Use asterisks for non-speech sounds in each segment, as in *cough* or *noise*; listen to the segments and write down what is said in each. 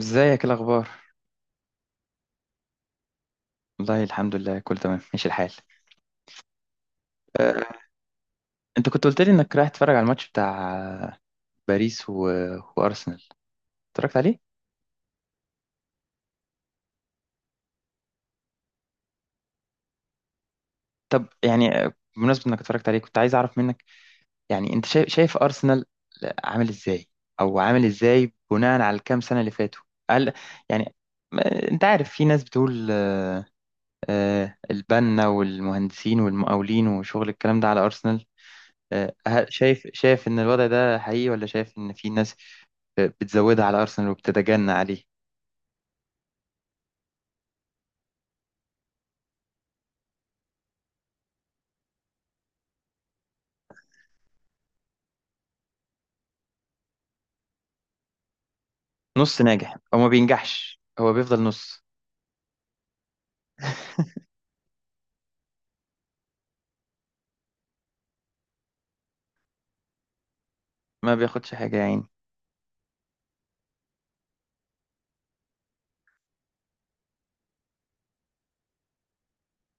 ازيك؟ إيه الاخبار؟ والله الحمد لله، كله تمام ماشي الحال. أه، انت كنت قلت لي انك رايح تتفرج على الماتش بتاع آه، باريس وارسنال. اتفرجت عليه؟ طب يعني بمناسبه انك اتفرجت عليه، كنت عايز اعرف منك، يعني انت شايف ارسنال عامل ازاي، او عامل ازاي بناء على الكام سنه اللي فاتوا. هل يعني ما- انت عارف في ناس بتقول، البنا والمهندسين والمقاولين وشغل الكلام ده على ارسنال. شايف ان الوضع ده حقيقي، ولا شايف ان في ناس بتزودها على أرسنال وبتتجنى عليه؟ نص ناجح، هو ما بينجحش، هو بيفضل نص. *laughs* ما بياخدش حاجة يا عيني.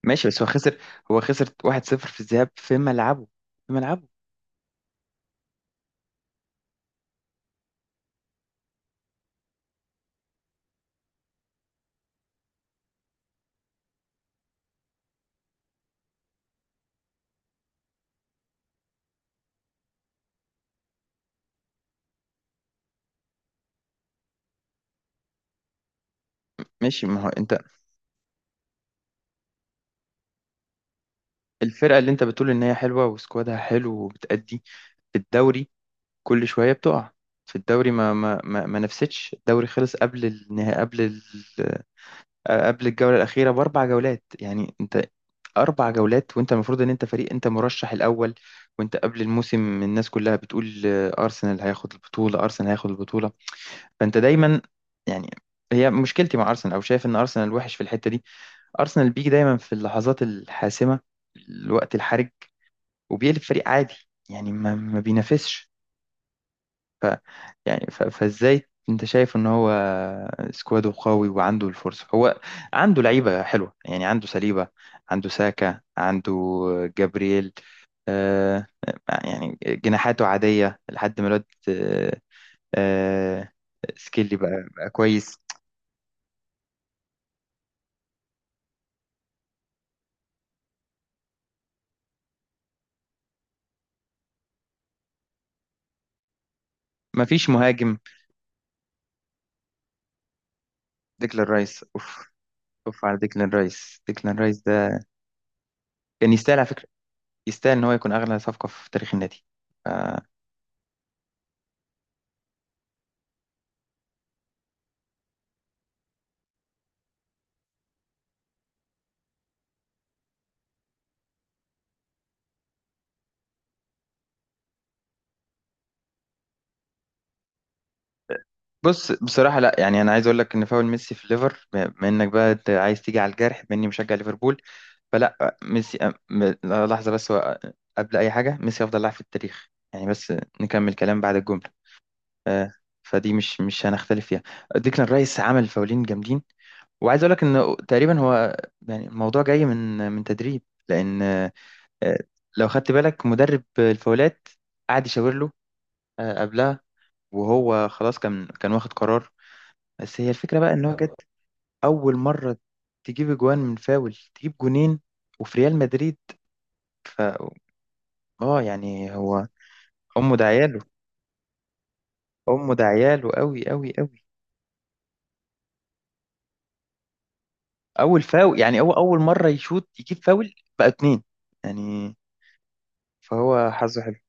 ماشي بس هو خسر 1-0 في الذهاب في ملعبه، في ملعبه. ماشي، ما هو انت الفرقة اللي انت بتقول ان هي حلوة وسكوادها حلو وبتأدي في الدوري كل شوية بتقع. في الدوري ما نفستش، الدوري خلص قبل النهائي، قبل الجولة الأخيرة ب4 جولات. يعني أنت 4 جولات وأنت المفروض إن أنت فريق، أنت مرشح الأول، وأنت قبل الموسم الناس كلها بتقول، أرسنال هياخد البطولة، أرسنال هياخد البطولة، فأنت دايما يعني. هي مشكلتي مع أرسنال، أو شايف إن أرسنال وحش في الحتة دي. أرسنال بيجي دايما في اللحظات الحاسمة، الوقت الحرج، وبيقلب فريق عادي. يعني ما بينافسش. يعني فازاي انت شايف ان هو سكواده قوي وعنده الفرصة، هو عنده لعيبة حلوة، يعني عنده سليبة، عنده ساكا، عنده جابرييل. يعني جناحاته عادية لحد ما الواد آه سكيلي بقى كويس. مفيش مهاجم. ديكلان رايس، اوف، اوف على ديكلان رايس. ديكلان رايس ده كان يستاهل على فكرة، يستاهل ان هو يكون اغلى صفقة في تاريخ النادي. آه، بص، بصراحة لا، يعني أنا عايز أقول لك إن فاول ميسي في الليفر، بما إنك بقى أنت عايز تيجي على الجرح بما إني مشجع ليفربول، فلا ميسي لحظة بس، هو قبل أي حاجة ميسي أفضل لاعب في التاريخ يعني، بس نكمل كلام بعد الجملة. فدي مش هنختلف فيها. ديكلان رايس عمل فاولين جامدين، وعايز أقول لك إن تقريبا هو، يعني الموضوع جاي من تدريب. لأن لو خدت بالك، مدرب الفاولات قعد يشاور له قبلها، وهو خلاص كان واخد قرار. بس هي الفكرة بقى، إن هو جت اول مره تجيب جوان من فاول تجيب جونين، وفي ريال مدريد ف اه يعني هو، امه ده عياله، امه ده عياله قوي قوي قوي. اول فاول، يعني هو اول مره يشوط يجيب فاول بقى اتنين، يعني فهو حظه حلو.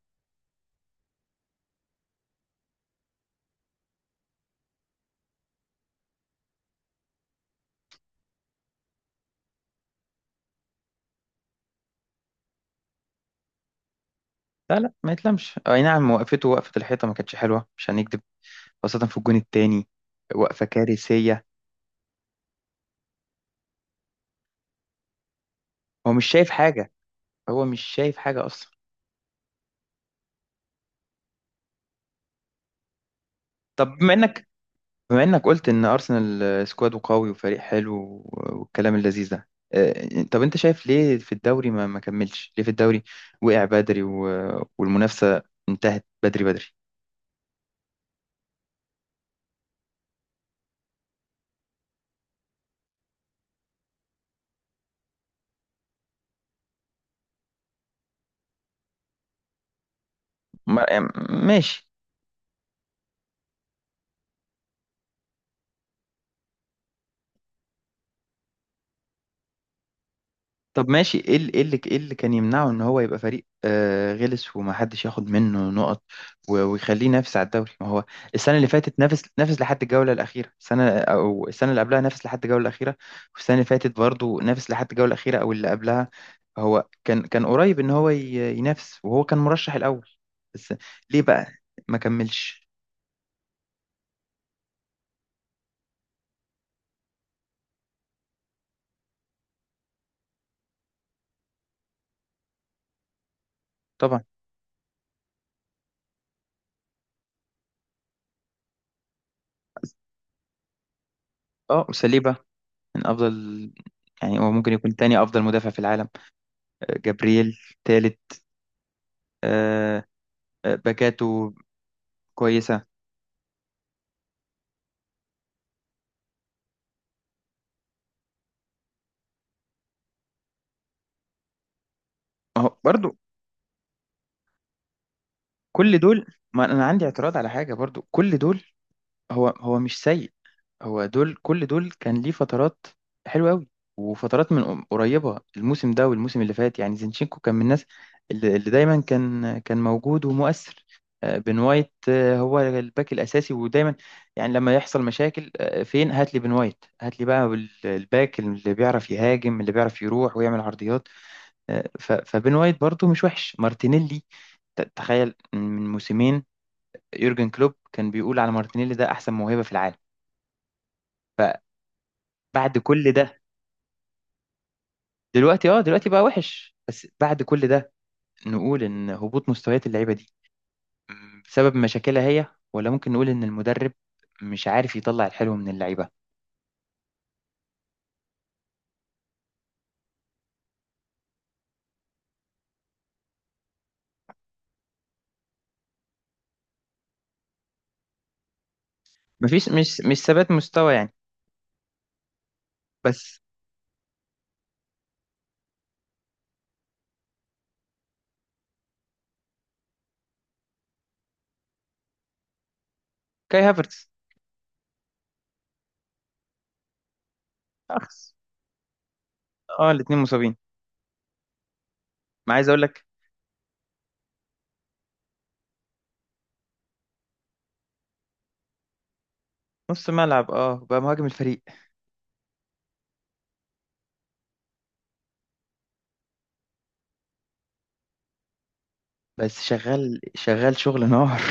لا لا، ما يتلمش. اي نعم، وقفته، وقفه الحيطه ما كانتش حلوه، مش هنكدب، خاصه في الجون التاني، وقفه كارثيه. هو مش شايف حاجه، هو مش شايف حاجه اصلا. طب بما انك قلت ان ارسنال سكواده قوي وفريق حلو والكلام اللذيذ ده، طب انت شايف ليه في الدوري ما كملش؟ ليه في الدوري وقع بدري، والمنافسة انتهت بدري بدري؟ يعني ماشي. طب ماشي، ايه اللي كان يمنعه ان هو يبقى فريق غلس ومحدش ياخد منه نقط، ويخليه ينافس على الدوري؟ ما هو السنه اللي فاتت نافس لحد الجوله الاخيره، السنه او السنه اللي قبلها نافس لحد الجوله الاخيره، والسنه اللي فاتت برضه نافس لحد الجوله الاخيره، او اللي قبلها. هو كان قريب ان هو ينافس، وهو كان مرشح الاول. بس ليه بقى ما كملش؟ طبعا. اه ساليبا من افضل، يعني هو ممكن يكون تاني افضل مدافع في العالم. جابرييل تالت. آه، باكاته كويسة. اهو برضو. كل دول، ما انا عندي اعتراض على حاجة، برضو كل دول. هو مش سيء. هو دول، كل دول كان ليه فترات حلوة قوي، وفترات من قريبة. الموسم ده والموسم اللي فات يعني زينشينكو كان من الناس اللي دايما كان موجود ومؤثر. بن وايت، هو الباك الأساسي ودايما يعني لما يحصل مشاكل فين، هات لي بن وايت، هات لي بقى الباك اللي بيعرف يهاجم، اللي بيعرف يروح ويعمل عرضيات. فبين وايت برضو مش وحش. مارتينيلي، تخيل من موسمين يورجن كلوب كان بيقول على مارتينيلي ده احسن موهبة في العالم. فبعد كل ده، دلوقتي بقى وحش. بس بعد كل ده نقول ان هبوط مستويات اللعيبة دي، بسبب مشاكلها هي، ولا ممكن نقول ان المدرب مش عارف يطلع الحلو من اللعيبة؟ مفيش، مش ثبات مستوى يعني. بس كاي هافرتز، اخس. اه الاتنين مصابين. ما عايز اقول لك، نص ملعب بقى مهاجم الفريق. بس شغال، شغال، شغل نار.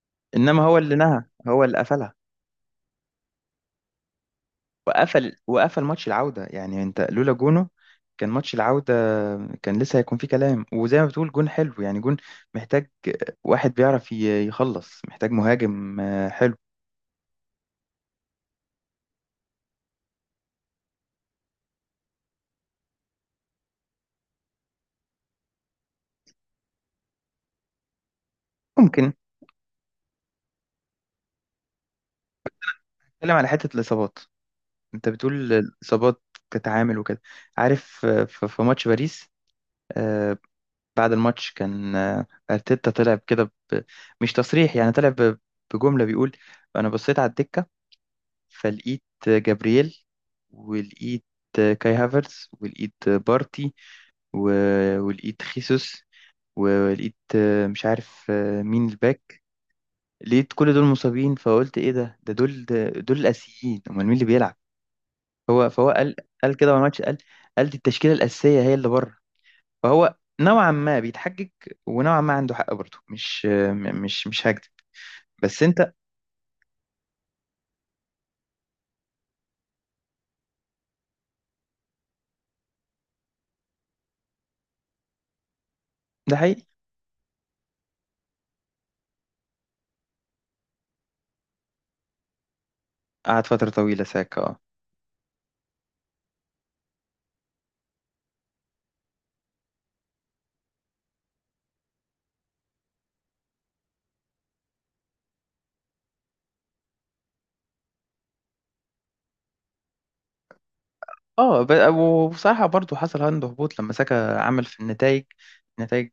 *laughs* انما هو اللي نهى، هو اللي قفلها. وقفل ماتش العودة. يعني انت لولا جونه كان ماتش العودة كان لسه هيكون فيه كلام. وزي ما بتقول جون حلو يعني، جون محتاج واحد بيعرف يخلص، محتاج مهاجم حلو. ممكن نتكلم على حتة الإصابات، انت بتقول الإصابات كتعامل وكده. عارف، في ماتش باريس، آه، بعد الماتش كان، ارتيتا طلع كده ب... مش تصريح يعني، طلع بجمله بيقول، انا بصيت على الدكه فلقيت جابرييل، ولقيت كاي هافرز، ولقيت بارتي، ولقيت خيسوس، ولقيت مش عارف مين الباك. لقيت كل دول مصابين، فقلت ايه ده دول، ده دول الاساسيين، امال مين اللي بيلعب؟ فهو قال كده، وانا قال دي التشكيله الاساسيه هي اللي بره. فهو نوعا ما بيتحجج، ونوعا ما عنده حق برضه، مش م- مش مش هكدب. بس انت، ده حقيقي. قعد فترة طويلة ساكا اه وبصراحة برضه حصل عنده هبوط لما ساكا عمل في النتائج. النتائج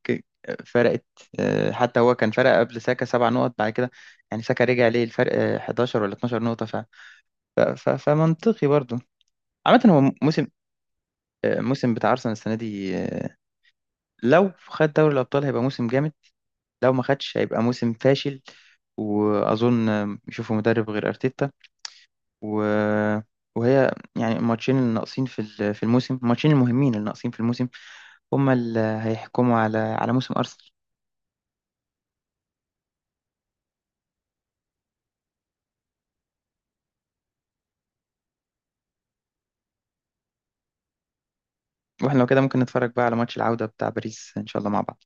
فرقت. حتى هو كان فرق قبل ساكا 7 نقط، بعد كده يعني ساكا رجع ليه الفرق 11 ولا 12 نقطة. فمنطقي برضه. عامة هو موسم بتاع أرسنال السنة دي. لو خد دوري الأبطال هيبقى موسم جامد، لو ما خدش هيبقى موسم فاشل. واظن يشوفوا مدرب غير ارتيتا. و... وهي يعني الماتشين اللي ناقصين في في الموسم، الماتشين المهمين اللي ناقصين في الموسم هما اللي هيحكموا على موسم ارسنال. واحنا لو كده ممكن نتفرج بقى على ماتش العودة بتاع باريس ان شاء الله مع بعض.